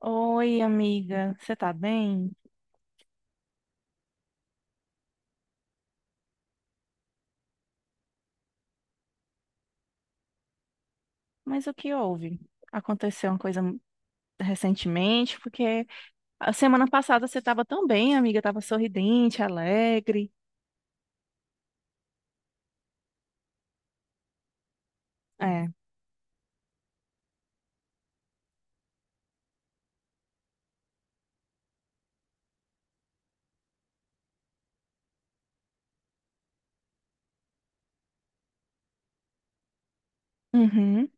Oi, amiga, você tá bem? Mas o que houve? Aconteceu uma coisa recentemente, porque a semana passada você tava tão bem, amiga, tava sorridente, alegre. É. Uhum.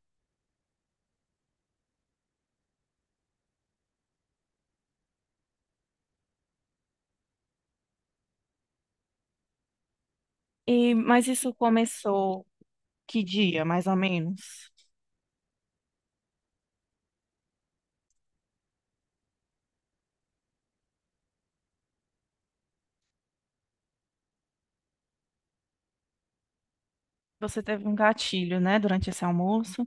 Mas isso começou que dia, mais ou menos? Você teve um gatilho, né, durante esse almoço,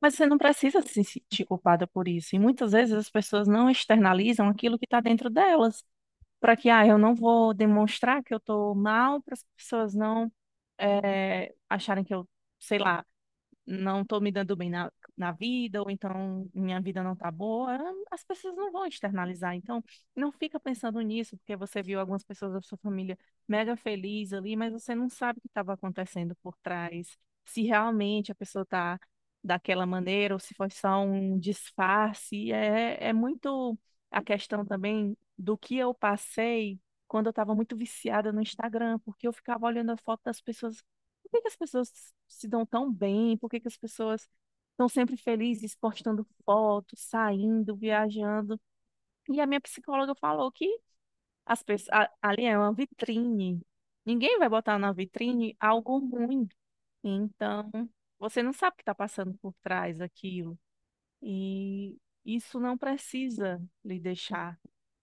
mas você não precisa se sentir culpada por isso. E muitas vezes as pessoas não externalizam aquilo que está dentro delas, para que, ah, eu não vou demonstrar que eu estou mal para as pessoas não é, acharem que eu, sei lá, não estou me dando bem na vida, ou então minha vida não tá boa, as pessoas não vão externalizar. Então, não fica pensando nisso, porque você viu algumas pessoas da sua família mega feliz ali, mas você não sabe o que estava acontecendo por trás. Se realmente a pessoa está daquela maneira, ou se foi só um disfarce, é muito a questão também do que eu passei quando eu estava muito viciada no Instagram, porque eu ficava olhando a foto das pessoas. Por que que as pessoas se dão tão bem? Por que que as pessoas estão sempre felizes, postando fotos, saindo, viajando? E a minha psicóloga falou que as pessoas, ali é uma vitrine. Ninguém vai botar na vitrine algo ruim. Então, você não sabe o que está passando por trás daquilo. E isso não precisa lhe deixar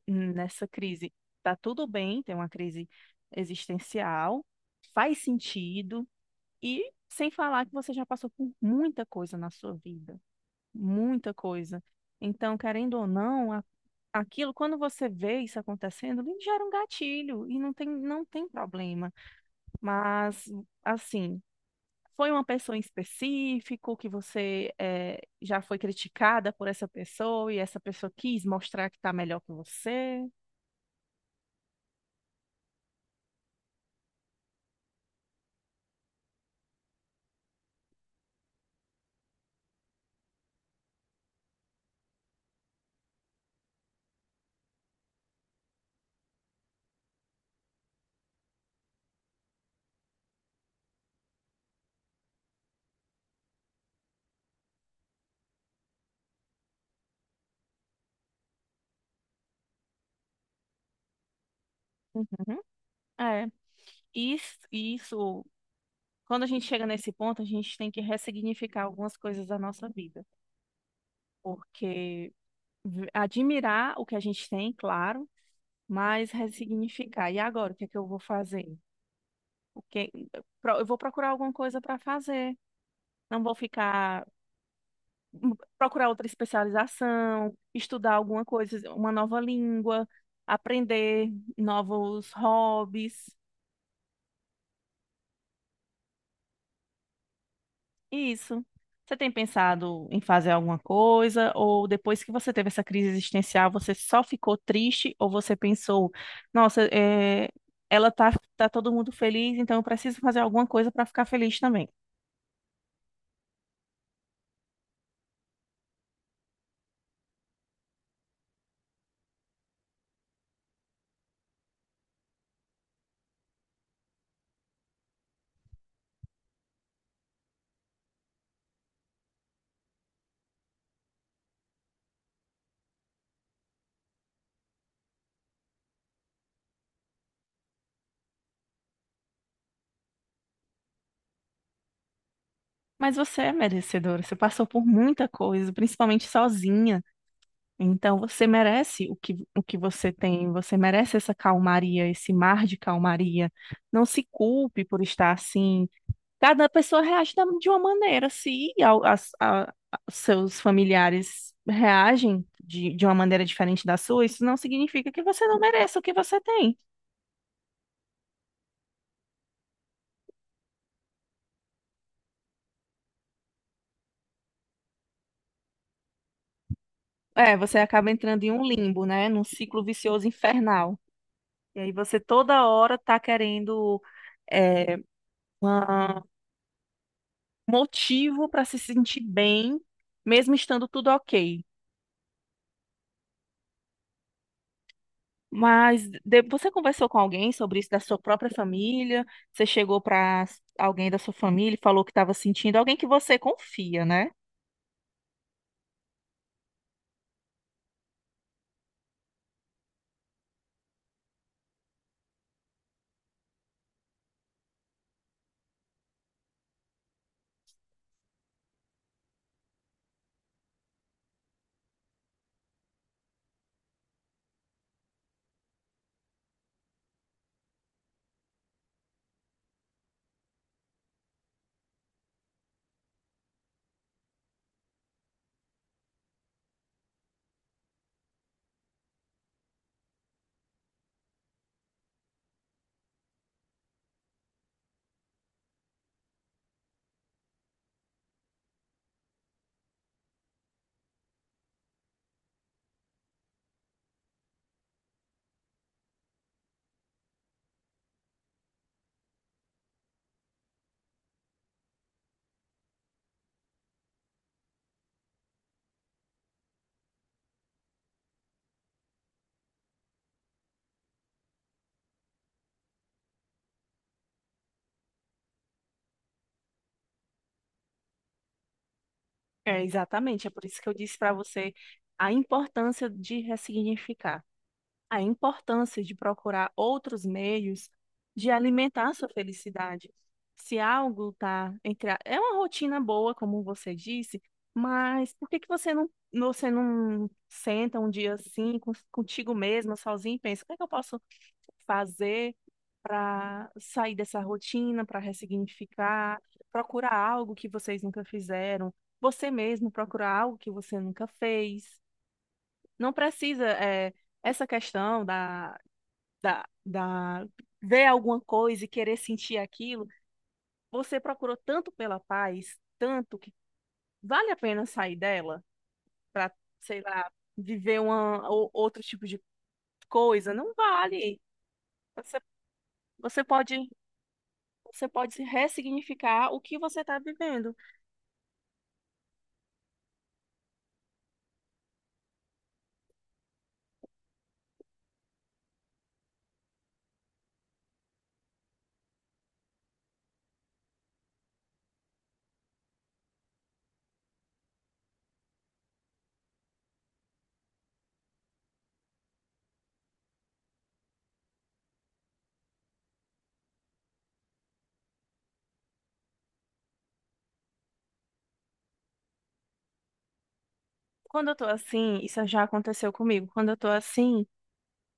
nessa crise. Tá tudo bem, tem uma crise existencial, faz sentido, e sem falar que você já passou por muita coisa na sua vida, muita coisa. Então, querendo ou não, aquilo, quando você vê isso acontecendo, lhe gera um gatilho e não tem problema. Mas, assim, foi uma pessoa em específico que você já foi criticada por essa pessoa e essa pessoa quis mostrar que está melhor que você. Uhum. É, isso, isso, quando a gente chega nesse ponto, a gente tem que ressignificar algumas coisas da nossa vida. Porque admirar o que a gente tem, claro, mas ressignificar. E agora, o que é que eu vou fazer? O que... Eu vou procurar alguma coisa para fazer. Não vou ficar hum, procurar outra especialização, estudar alguma coisa, uma nova língua, aprender novos hobbies. Isso. Você tem pensado em fazer alguma coisa? Ou depois que você teve essa crise existencial, você só ficou triste? Ou você pensou, nossa, ela tá, tá todo mundo feliz, então eu preciso fazer alguma coisa para ficar feliz também. Mas você é merecedora, você passou por muita coisa, principalmente sozinha. Então você merece o que você tem, você merece essa calmaria, esse mar de calmaria. Não se culpe por estar assim. Cada pessoa reage de uma maneira. Se seus familiares reagem de uma maneira diferente da sua, isso não significa que você não mereça o que você tem. É, você acaba entrando em um limbo, né? Num ciclo vicioso infernal. E aí você toda hora tá querendo, é, uma- um motivo para se sentir bem, mesmo estando tudo ok. Mas você conversou com alguém sobre isso da sua própria família? Você chegou para alguém da sua família e falou que estava sentindo, alguém que você confia, né? É, exatamente, é por isso que eu disse para você a importância de ressignificar. A importância de procurar outros meios de alimentar a sua felicidade. Se algo tá entre é uma rotina boa, como você disse, mas por que que você não senta um dia assim contigo mesma, sozinha, e pensa, o que é que eu posso fazer para sair dessa rotina, para ressignificar, procurar algo que vocês nunca fizeram, você mesmo procurar algo que você nunca fez. Não precisa, é, essa questão da ver alguma coisa e querer sentir aquilo, você procurou tanto pela paz, tanto que vale a pena sair dela para, sei lá, viver uma, outro tipo de coisa? Não vale. Você, você pode, você pode ressignificar o que você está vivendo. Quando eu tô assim, isso já aconteceu comigo. Quando eu tô assim,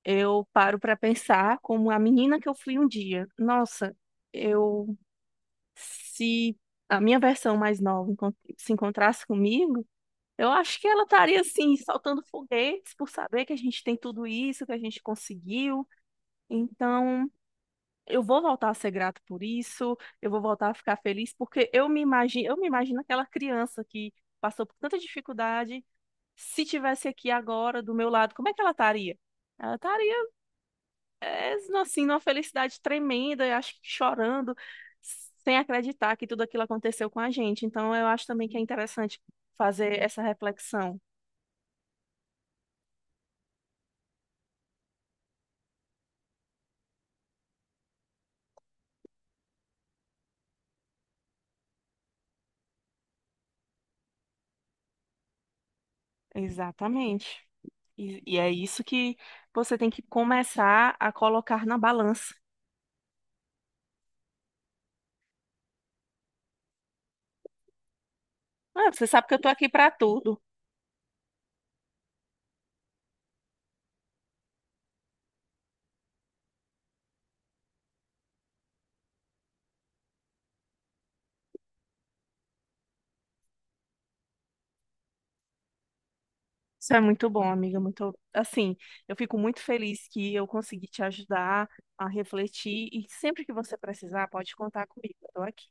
eu paro para pensar como a menina que eu fui um dia. Nossa, eu, se a minha versão mais nova se encontrasse comigo, eu acho que ela estaria assim, soltando foguetes por saber que a gente tem tudo isso, que a gente conseguiu. Então, eu vou voltar a ser grato por isso, eu vou voltar a ficar feliz, porque eu me imagino aquela criança que passou por tanta dificuldade, se tivesse aqui agora do meu lado, como é que ela estaria? Ela estaria, eles, assim, numa felicidade tremenda, eu acho que chorando, sem acreditar que tudo aquilo aconteceu com a gente. Então, eu acho também que é interessante fazer essa reflexão. Exatamente. E é isso que você tem que começar a colocar na balança. Ah, você sabe que eu tô aqui para tudo. Isso é muito bom, amiga. Muito, assim, eu fico muito feliz que eu consegui te ajudar a refletir e sempre que você precisar, pode contar comigo. Eu tô aqui.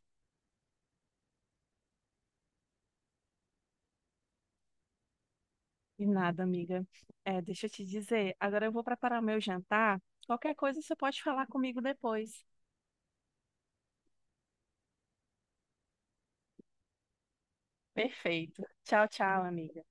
De nada, amiga. É, deixa eu te dizer, agora eu vou preparar meu jantar. Qualquer coisa você pode falar comigo depois. Perfeito. Tchau, tchau, amiga.